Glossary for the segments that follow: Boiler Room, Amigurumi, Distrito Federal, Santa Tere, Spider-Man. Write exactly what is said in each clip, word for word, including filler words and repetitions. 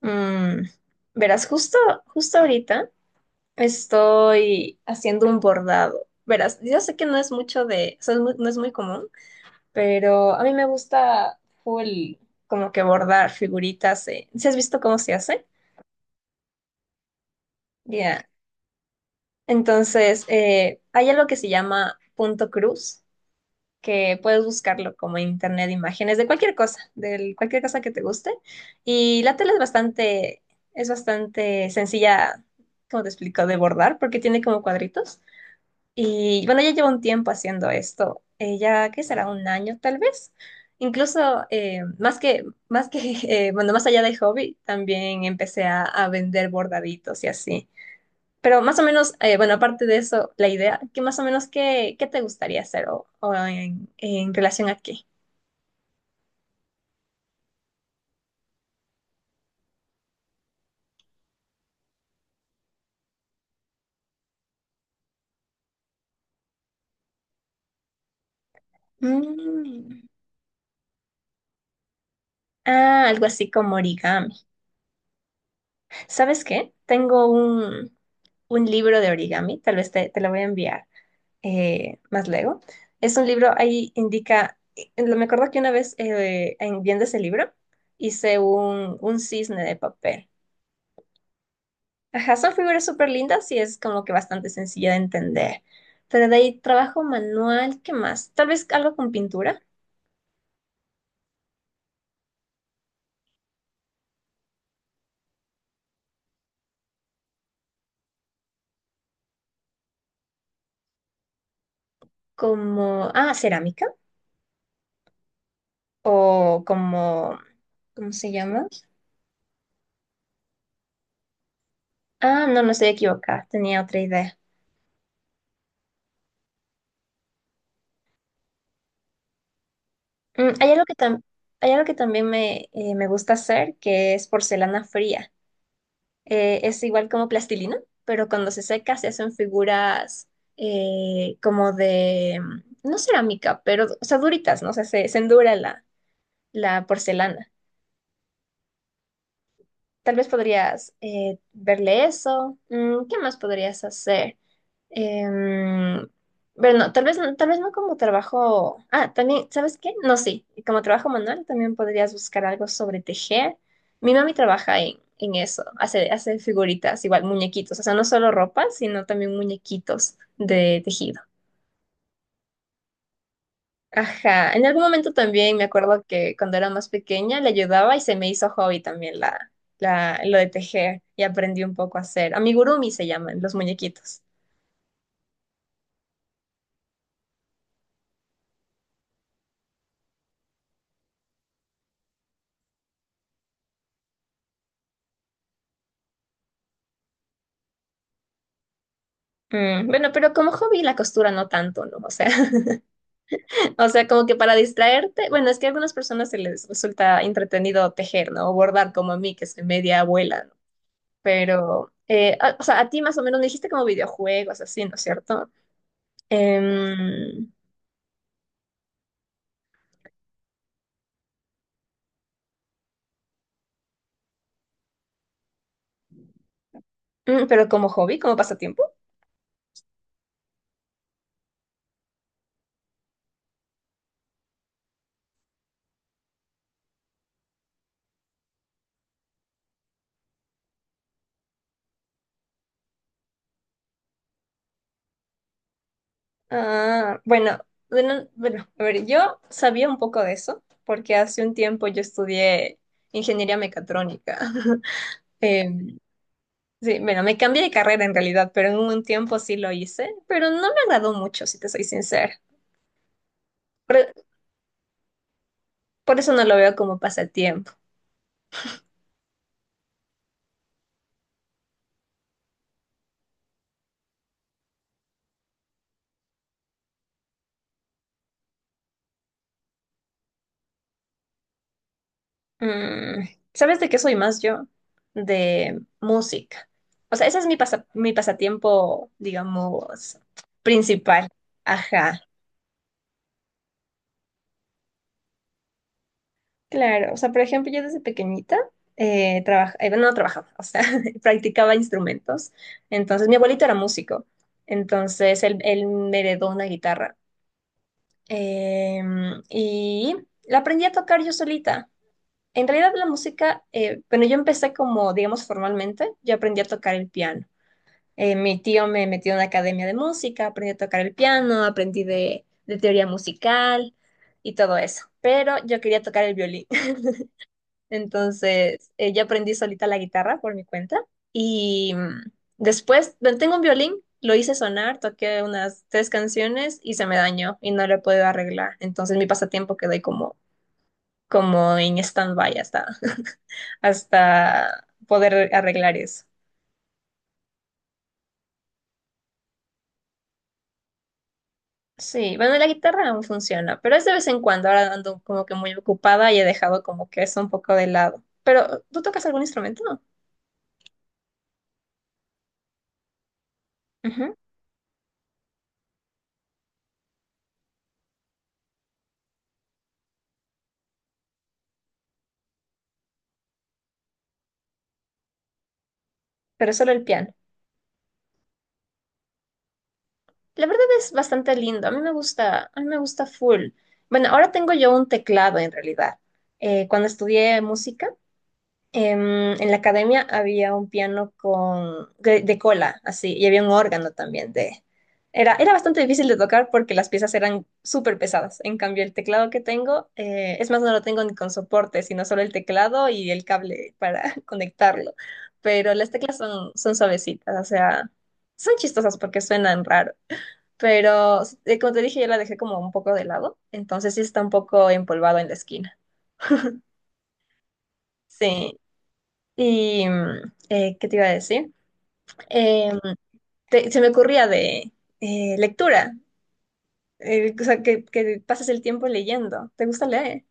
Mm, verás, justo, justo ahorita estoy haciendo un bordado. Verás, yo sé que no es mucho de, o sea, es muy- no es muy común, pero a mí me gusta full como que bordar figuritas. eh. ¿Sí has visto cómo se hace? Ya. Entonces, eh, hay algo que se llama punto cruz, que puedes buscarlo como en internet, imágenes de cualquier cosa, de cualquier cosa que te guste. Y la tela es bastante, es bastante sencilla, como te explico, de bordar, porque tiene como cuadritos. Y bueno, ya llevo un tiempo haciendo esto, eh, ya que será un año tal vez. Incluso eh, más que, más que eh, bueno, más allá del hobby, también empecé a, a vender bordaditos y así. Pero más o menos, eh, bueno, aparte de eso, la idea, que más o menos, ¿qué, qué te gustaría hacer o, o en, en relación a qué? Mm, Ah, algo así como origami. ¿Sabes qué? Tengo un, un libro de origami, tal vez te, te lo voy a enviar eh, más luego. Es un libro, ahí indica, eh, me acuerdo que una vez eh, en- viendo ese libro hice un, un cisne de papel. Ajá, son figuras súper lindas y es como que bastante sencilla de entender. Pero de ahí trabajo manual, ¿qué más? Tal vez algo con pintura, como, ah, cerámica o como, ¿cómo se llama? Ah, no, no estoy equivocada, tenía otra idea. Mm, hay algo que tam- Hay algo que también me, eh, me gusta hacer, que es porcelana fría. Eh, es igual como plastilina, pero cuando se seca se hacen figuras eh, como de, mm, no cerámica, pero, o sea, duritas, ¿no? O sea, se, se endura la porcelana. Tal vez podrías eh, verle eso. Mm, ¿qué más podrías hacer? Em, pero no, tal vez, no- tal vez no como trabajo. Ah, también, ¿sabes qué? No, sí. Como trabajo manual también podrías buscar algo sobre tejer. Mi mami trabaja en, en eso. Hace, hace figuritas, igual muñequitos. O sea, no solo ropa, sino también muñequitos de tejido. Ajá, en algún momento también me acuerdo que cuando era más pequeña le ayudaba y se me hizo hobby también la, la, lo de tejer y aprendí un poco a hacer. Amigurumi se llaman los muñequitos. Mm, bueno, pero como hobby la costura no tanto, ¿no? O sea, o sea, como que para distraerte, bueno, es que a algunas personas se les resulta entretenido tejer, ¿no? O bordar como a mí, que soy media abuela, ¿no? Pero, eh, a- o sea, a ti más o menos me dijiste como videojuegos, así, ¿no es cierto? Em, mm, pero como hobby, como pasatiempo. Ah, bueno, bueno, bueno, a ver, yo sabía un poco de eso, porque hace un tiempo yo estudié ingeniería mecatrónica. Em, sí, bueno, me cambié de carrera en realidad, pero en un tiempo sí lo hice, pero no me agradó mucho, si te soy sincera. Por, por eso no lo veo como pasatiempo. Mm, ¿sabes de qué soy más yo? De música. O sea, ese es mi pasa- mi pasatiempo, digamos, principal. Ajá. Claro, o sea, por ejemplo, yo desde pequeñita eh, trabaja- eh, no trabajaba, o sea, practicaba instrumentos. Entonces, mi abuelito era músico, entonces él, él me heredó una guitarra. Eh, y la aprendí a tocar yo solita. En realidad, la música, eh, bueno, yo empecé como, digamos, formalmente, yo aprendí a tocar el piano. Eh, mi tío me metió en una academia de música, aprendí a tocar el piano, aprendí de de teoría musical y todo eso, pero yo quería tocar el violín. Entonces, eh, ya aprendí solita la guitarra por mi cuenta. Y mm, después, bueno, tengo un violín, lo hice sonar, toqué unas tres canciones y se me dañó y no lo he podido arreglar. Entonces, mi pasatiempo quedó ahí como, como en stand-by hasta, hasta poder arreglar eso. Sí, bueno, la guitarra aún funciona, pero es de vez en cuando. Ahora ando como que muy ocupada y he dejado como que eso un poco de lado. Pero, ¿tú tocas algún instrumento? Ujú. Pero solo el piano. La verdad es bastante lindo. A mí me gusta, a mí me gusta full. Bueno, ahora tengo yo un teclado en realidad. Eh, cuando estudié música, em, en la academia había un piano con, de, de cola, así, y había un órgano también de... Era, era bastante difícil de tocar porque las piezas eran súper pesadas. En cambio, el teclado que tengo, eh, es más, no lo tengo ni con soporte, sino solo el teclado y el cable para conectarlo. Pero las teclas son, son suavecitas, o sea, son chistosas porque suenan raro, pero eh, como te dije, yo la dejé como un poco de lado, entonces sí está un poco empolvado en la esquina. Sí. Y, mm, eh, ¿qué te iba a decir? Em, te- Se me ocurría de eh, lectura, eh, o sea, que, que pases el tiempo leyendo. ¿Te gusta leer?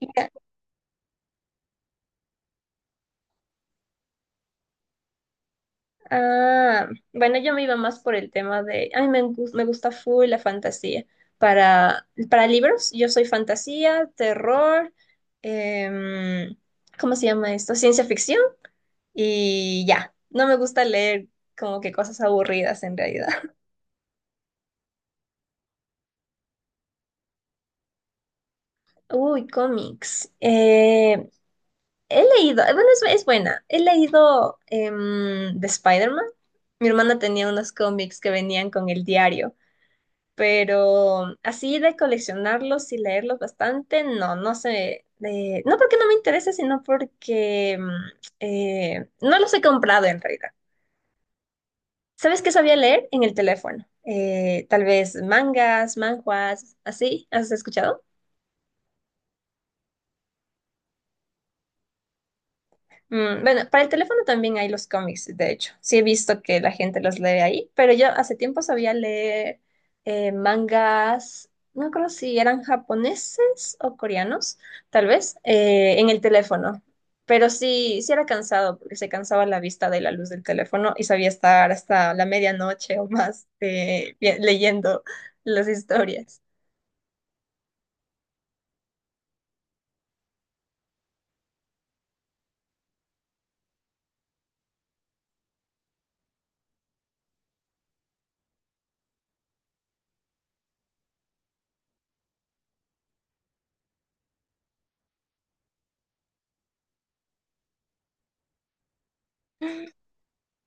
Ya. Ah, bueno, yo me iba más por el tema de, ay, me, gus- me gusta full la fantasía. Para, para libros, yo soy fantasía, terror, em, ¿cómo se llama esto? Ciencia ficción. Y ya, no me gusta leer como que cosas aburridas en realidad. Uy, cómics. Eh, he leído, eh, bueno, es, es buena. He leído em, de Spider-Man. Mi hermana tenía unos cómics que venían con el diario, pero así de coleccionarlos y leerlos bastante, no, no sé. eh, no porque no me interese, sino porque em, eh, no los he comprado en realidad. ¿Sabes qué sabía leer en el teléfono? Eh, tal vez mangas, manhwas, así, ¿has escuchado? Mm, bueno, para el teléfono también hay los cómics, de hecho. Sí he visto que la gente los lee ahí, pero yo hace tiempo sabía leer eh, mangas, no creo si eran japoneses o coreanos, tal vez, eh, en el teléfono. Pero sí, sí era cansado, porque se cansaba la vista de la luz del teléfono y sabía estar hasta la medianoche o más eh, vi- leyendo las historias.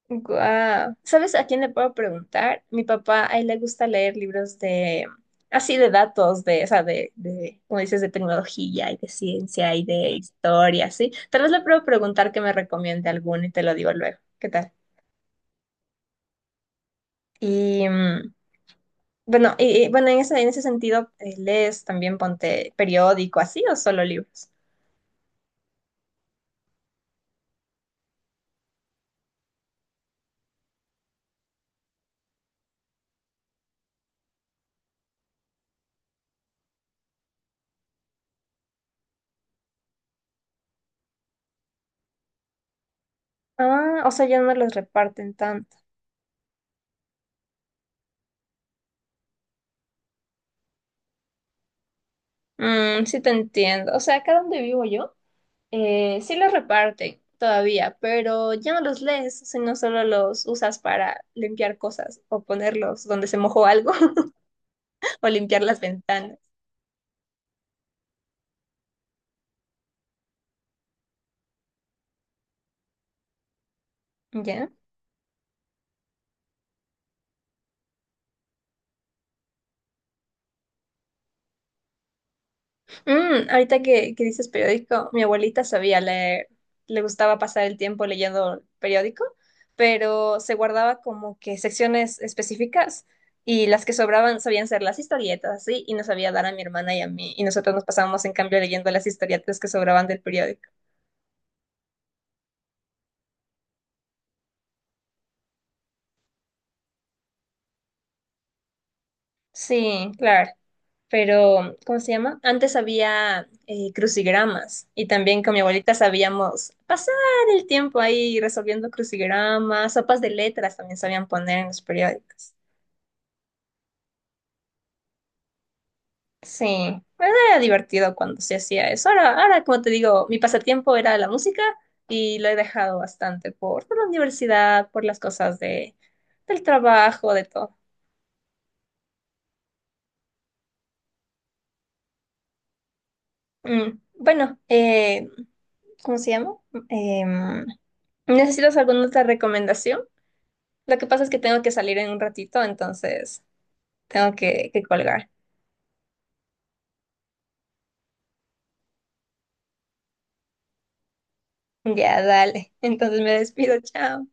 Guau. ¿Sabes a quién le puedo preguntar? Mi papá, a él le gusta leer libros de, así de datos, de, o sea, de, de, como dices, de tecnología y de ciencia y de Mm. historia, ¿sí? Tal vez le puedo preguntar que me recomiende alguno y te lo digo luego. ¿Qué tal? Y mm, bueno, y, y, bueno, en ese, en ese sentido, eh, ¿lees también ponte periódico así o solo libros? Ah, o sea, ya no los reparten tanto. Mm, sí te entiendo. O sea, acá donde vivo yo. Eh, sí los reparten todavía, pero ya no los lees, sino solo los usas para limpiar cosas o ponerlos donde se mojó algo o limpiar las ventanas. ¿Ya? Mm, ahorita que, que dices periódico, mi abuelita sabía leer, le gustaba pasar el tiempo leyendo periódico, pero se guardaba como que secciones específicas y las que sobraban sabían ser las historietas, así, y nos sabía dar a mi hermana y a mí, y nosotros nos pasábamos en cambio leyendo las historietas que sobraban del periódico. Sí, claro. Pero, ¿cómo se llama? Antes había eh, crucigramas y también con mi abuelita sabíamos pasar el tiempo ahí resolviendo crucigramas, sopas de letras también sabían poner en los periódicos. Sí, bueno, era divertido cuando se hacía eso. Ahora, ahora, como te digo, mi pasatiempo era la música y lo he dejado bastante por, por la universidad, por las cosas de, del trabajo, de todo. Mm, bueno, eh, ¿cómo se llama? Em, ¿necesitas alguna otra recomendación? Lo que pasa es que tengo que salir en un ratito, entonces tengo que, que colgar. Ya, dale. Entonces me despido, chao.